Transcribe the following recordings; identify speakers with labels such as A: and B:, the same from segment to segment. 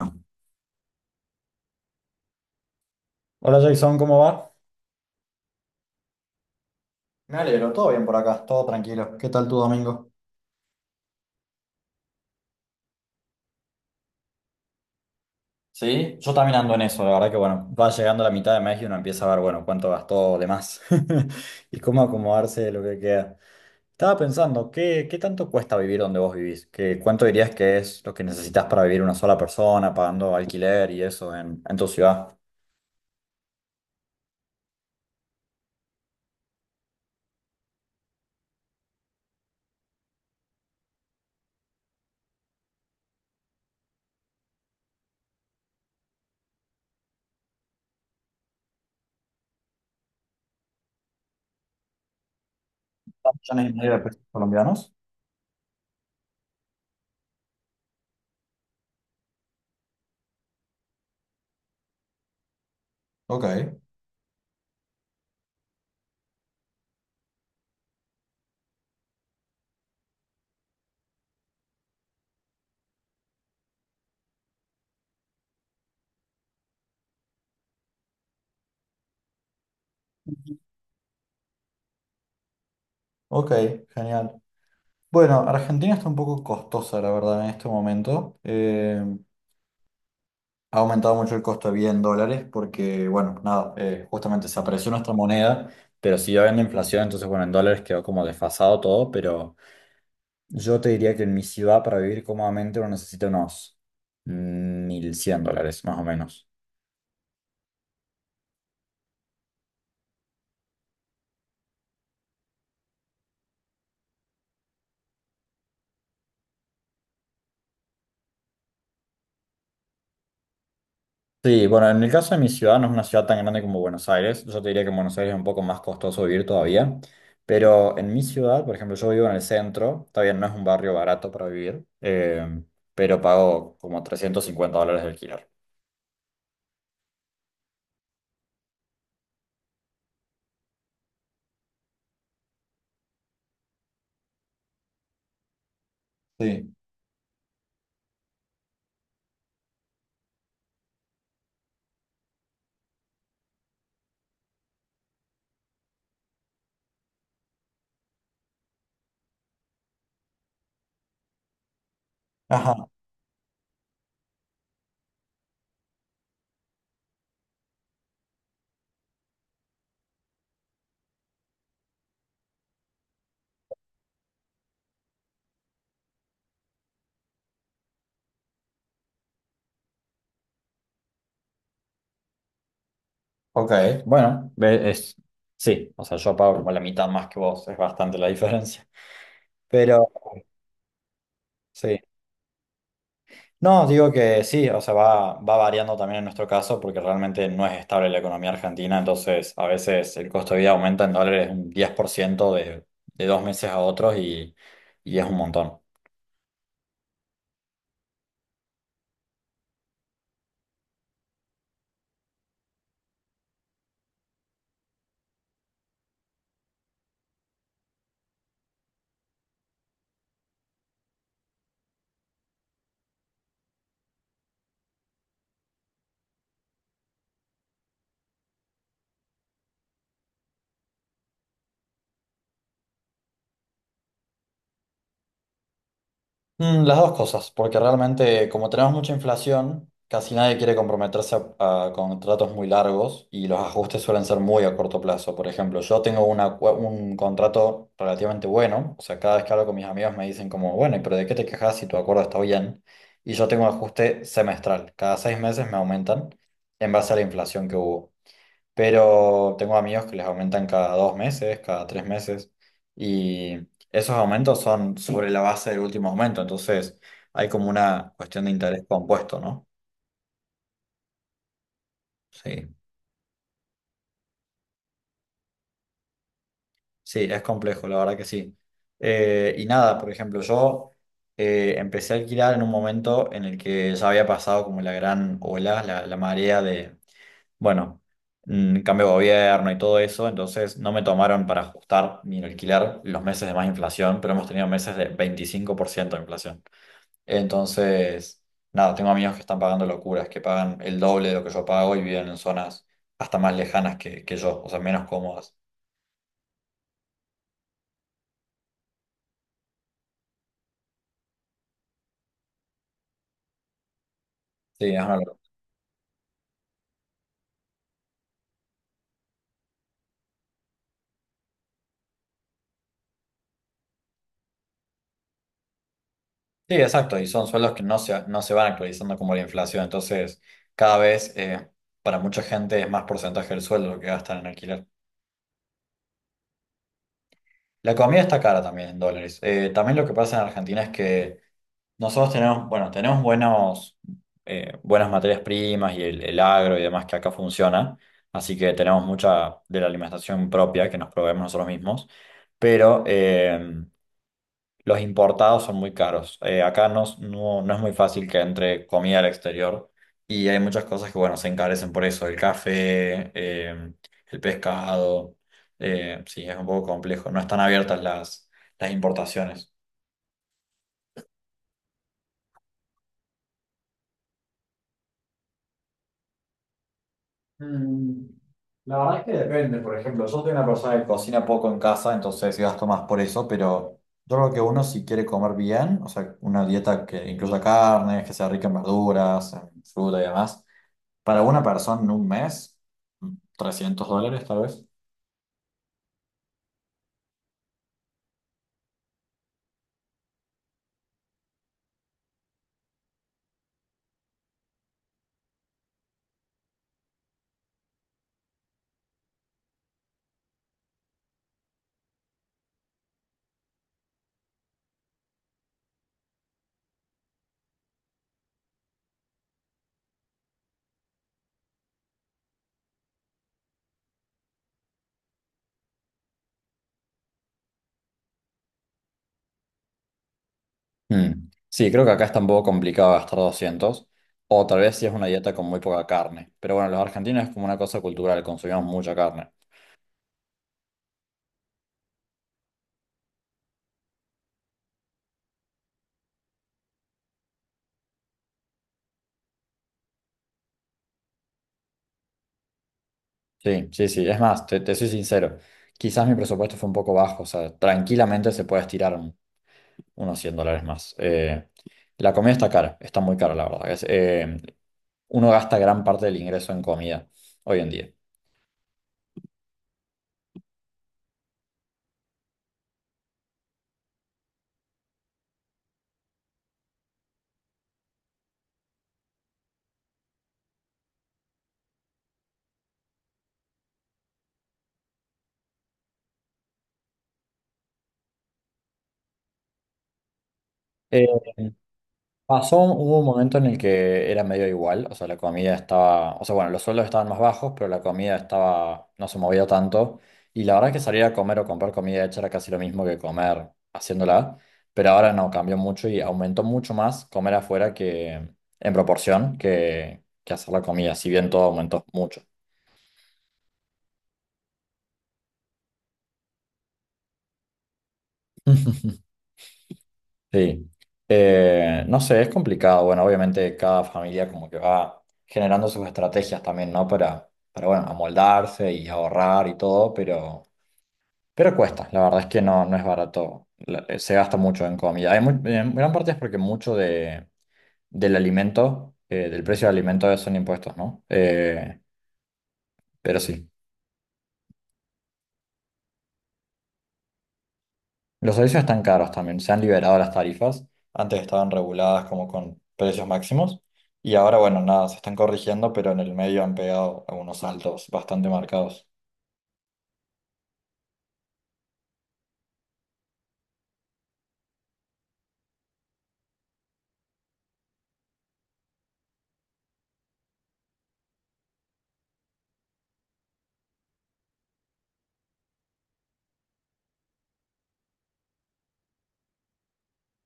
A: Hola Jason, ¿cómo va? Me alegro, todo bien por acá, todo tranquilo. ¿Qué tal tu domingo? Sí, yo también ando en eso, la verdad que bueno, va llegando la mitad de mes y uno empieza a ver, bueno, cuánto gastó de más y cómo acomodarse de lo que queda. Estaba pensando, ¿qué tanto cuesta vivir donde vos vivís? ¿Cuánto dirías que es lo que necesitas para vivir una sola persona, pagando alquiler y eso en tu ciudad? ¿2,5 millones de pesos colombianos? Ok. Ok, genial. Bueno, Argentina está un poco costosa, la verdad, en este momento. Ha aumentado mucho el costo de vida en dólares porque, bueno, nada, justamente se apreció nuestra moneda, pero siguió habiendo inflación, entonces, bueno, en dólares quedó como desfasado todo, pero yo te diría que en mi ciudad para vivir cómodamente uno necesita unos $1.100, más o menos. Sí, bueno, en el caso de mi ciudad no es una ciudad tan grande como Buenos Aires. Yo te diría que en Buenos Aires es un poco más costoso vivir todavía. Pero en mi ciudad, por ejemplo, yo vivo en el centro. Está bien, no es un barrio barato para vivir, pero pago como $350 de alquiler. Sí. Ajá. Ok, bueno, es, sí, o sea, yo pago como la mitad más que vos, es bastante la diferencia. Pero sí. No, digo que sí, o sea, va variando también en nuestro caso porque realmente no es estable la economía argentina, entonces a veces el costo de vida aumenta en dólares un 10% de dos meses a otros y es un montón. Las dos cosas, porque realmente como tenemos mucha inflación, casi nadie quiere comprometerse a contratos muy largos y los ajustes suelen ser muy a corto plazo. Por ejemplo, yo tengo un contrato relativamente bueno, o sea, cada vez que hablo con mis amigos me dicen como, bueno, pero ¿de qué te quejas si tu acuerdo está bien? Y yo tengo un ajuste semestral, cada 6 meses me aumentan en base a la inflación que hubo, pero tengo amigos que les aumentan cada 2 meses, cada 3 meses, y esos aumentos son sobre la base del último aumento, entonces hay como una cuestión de interés compuesto, ¿no? Sí, sí, es complejo, la verdad que sí. Y nada, por ejemplo, yo empecé a alquilar en un momento en el que ya había pasado como la gran ola, la marea de bueno, cambio de gobierno y todo eso, entonces no me tomaron para ajustar mi alquiler los meses de más inflación, pero hemos tenido meses de 25% de inflación. Entonces, nada, tengo amigos que están pagando locuras, que pagan el doble de lo que yo pago y viven en zonas hasta más lejanas que yo, o sea, menos cómodas. Sí, es una locura. Sí, exacto, y son sueldos que no se van actualizando como la inflación, entonces cada vez para mucha gente es más porcentaje del sueldo lo que gastan en alquiler. La comida está cara también en dólares. También lo que pasa en Argentina es que nosotros tenemos, bueno, tenemos buenas materias primas y el agro y demás que acá funciona. Así que tenemos mucha de la alimentación propia que nos proveemos nosotros mismos. Pero los importados son muy caros. Acá no es muy fácil que entre comida al exterior y hay muchas cosas que, bueno, se encarecen por eso. El café, el pescado. Sí, es un poco complejo. No están abiertas las importaciones. Mm, La verdad es que depende, por ejemplo, yo soy una persona que cocina poco en casa, entonces sí gasto más por eso, pero yo creo que uno si quiere comer bien, o sea, una dieta que incluya carnes, que sea rica en verduras, en fruta y demás. Para una persona en un mes, $300 tal vez. Mm. Sí, creo que acá está un poco complicado gastar 200 o tal vez si es una dieta con muy poca carne. Pero bueno, los argentinos es como una cosa cultural, consumimos mucha carne. Sí, sí, sí, es más, te soy sincero, quizás mi presupuesto fue un poco bajo, o sea, tranquilamente se puede estirar unos $100 más. La comida está cara, está muy cara, la verdad. Uno gasta gran parte del ingreso en comida hoy en día. Eh, Pasó, hubo un momento en el que era medio igual, o sea, la comida estaba, o sea, bueno, los sueldos estaban más bajos, pero la comida estaba, no se movía tanto. Y la verdad es que salir a comer o comprar comida hecha era casi lo mismo que comer haciéndola, pero ahora no, cambió mucho y aumentó mucho más comer afuera que en proporción que hacer la comida, si bien todo aumentó mucho. Sí, no sé, es complicado. Bueno, obviamente cada familia como que va generando sus estrategias también, ¿no? Para bueno, amoldarse y ahorrar y todo, pero, cuesta. La verdad es que no, no es barato. Se gasta mucho en comida. Hay en gran parte es porque mucho del alimento, del precio del alimento son impuestos, ¿no? Pero sí. Los servicios están caros también, se han liberado las tarifas, antes estaban reguladas como con precios máximos y ahora, bueno, nada, se están corrigiendo, pero en el medio han pegado algunos saltos bastante marcados.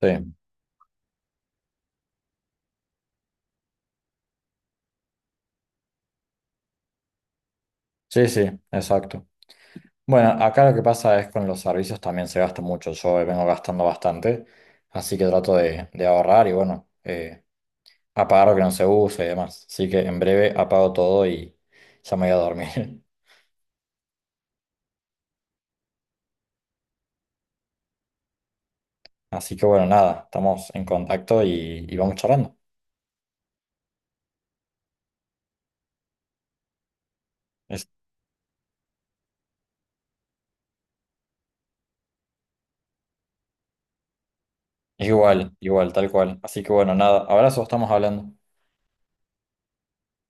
A: Sí, sí, sí, exacto. Bueno, acá lo que pasa es con los servicios también se gasta mucho, yo vengo gastando bastante, así que trato de ahorrar y bueno, apagar lo que no se use y demás. Así que en breve apago todo y ya me voy a dormir. Así que bueno, nada, estamos en contacto y vamos charlando. Igual, igual, tal cual. Así que bueno, nada, abrazo, estamos hablando.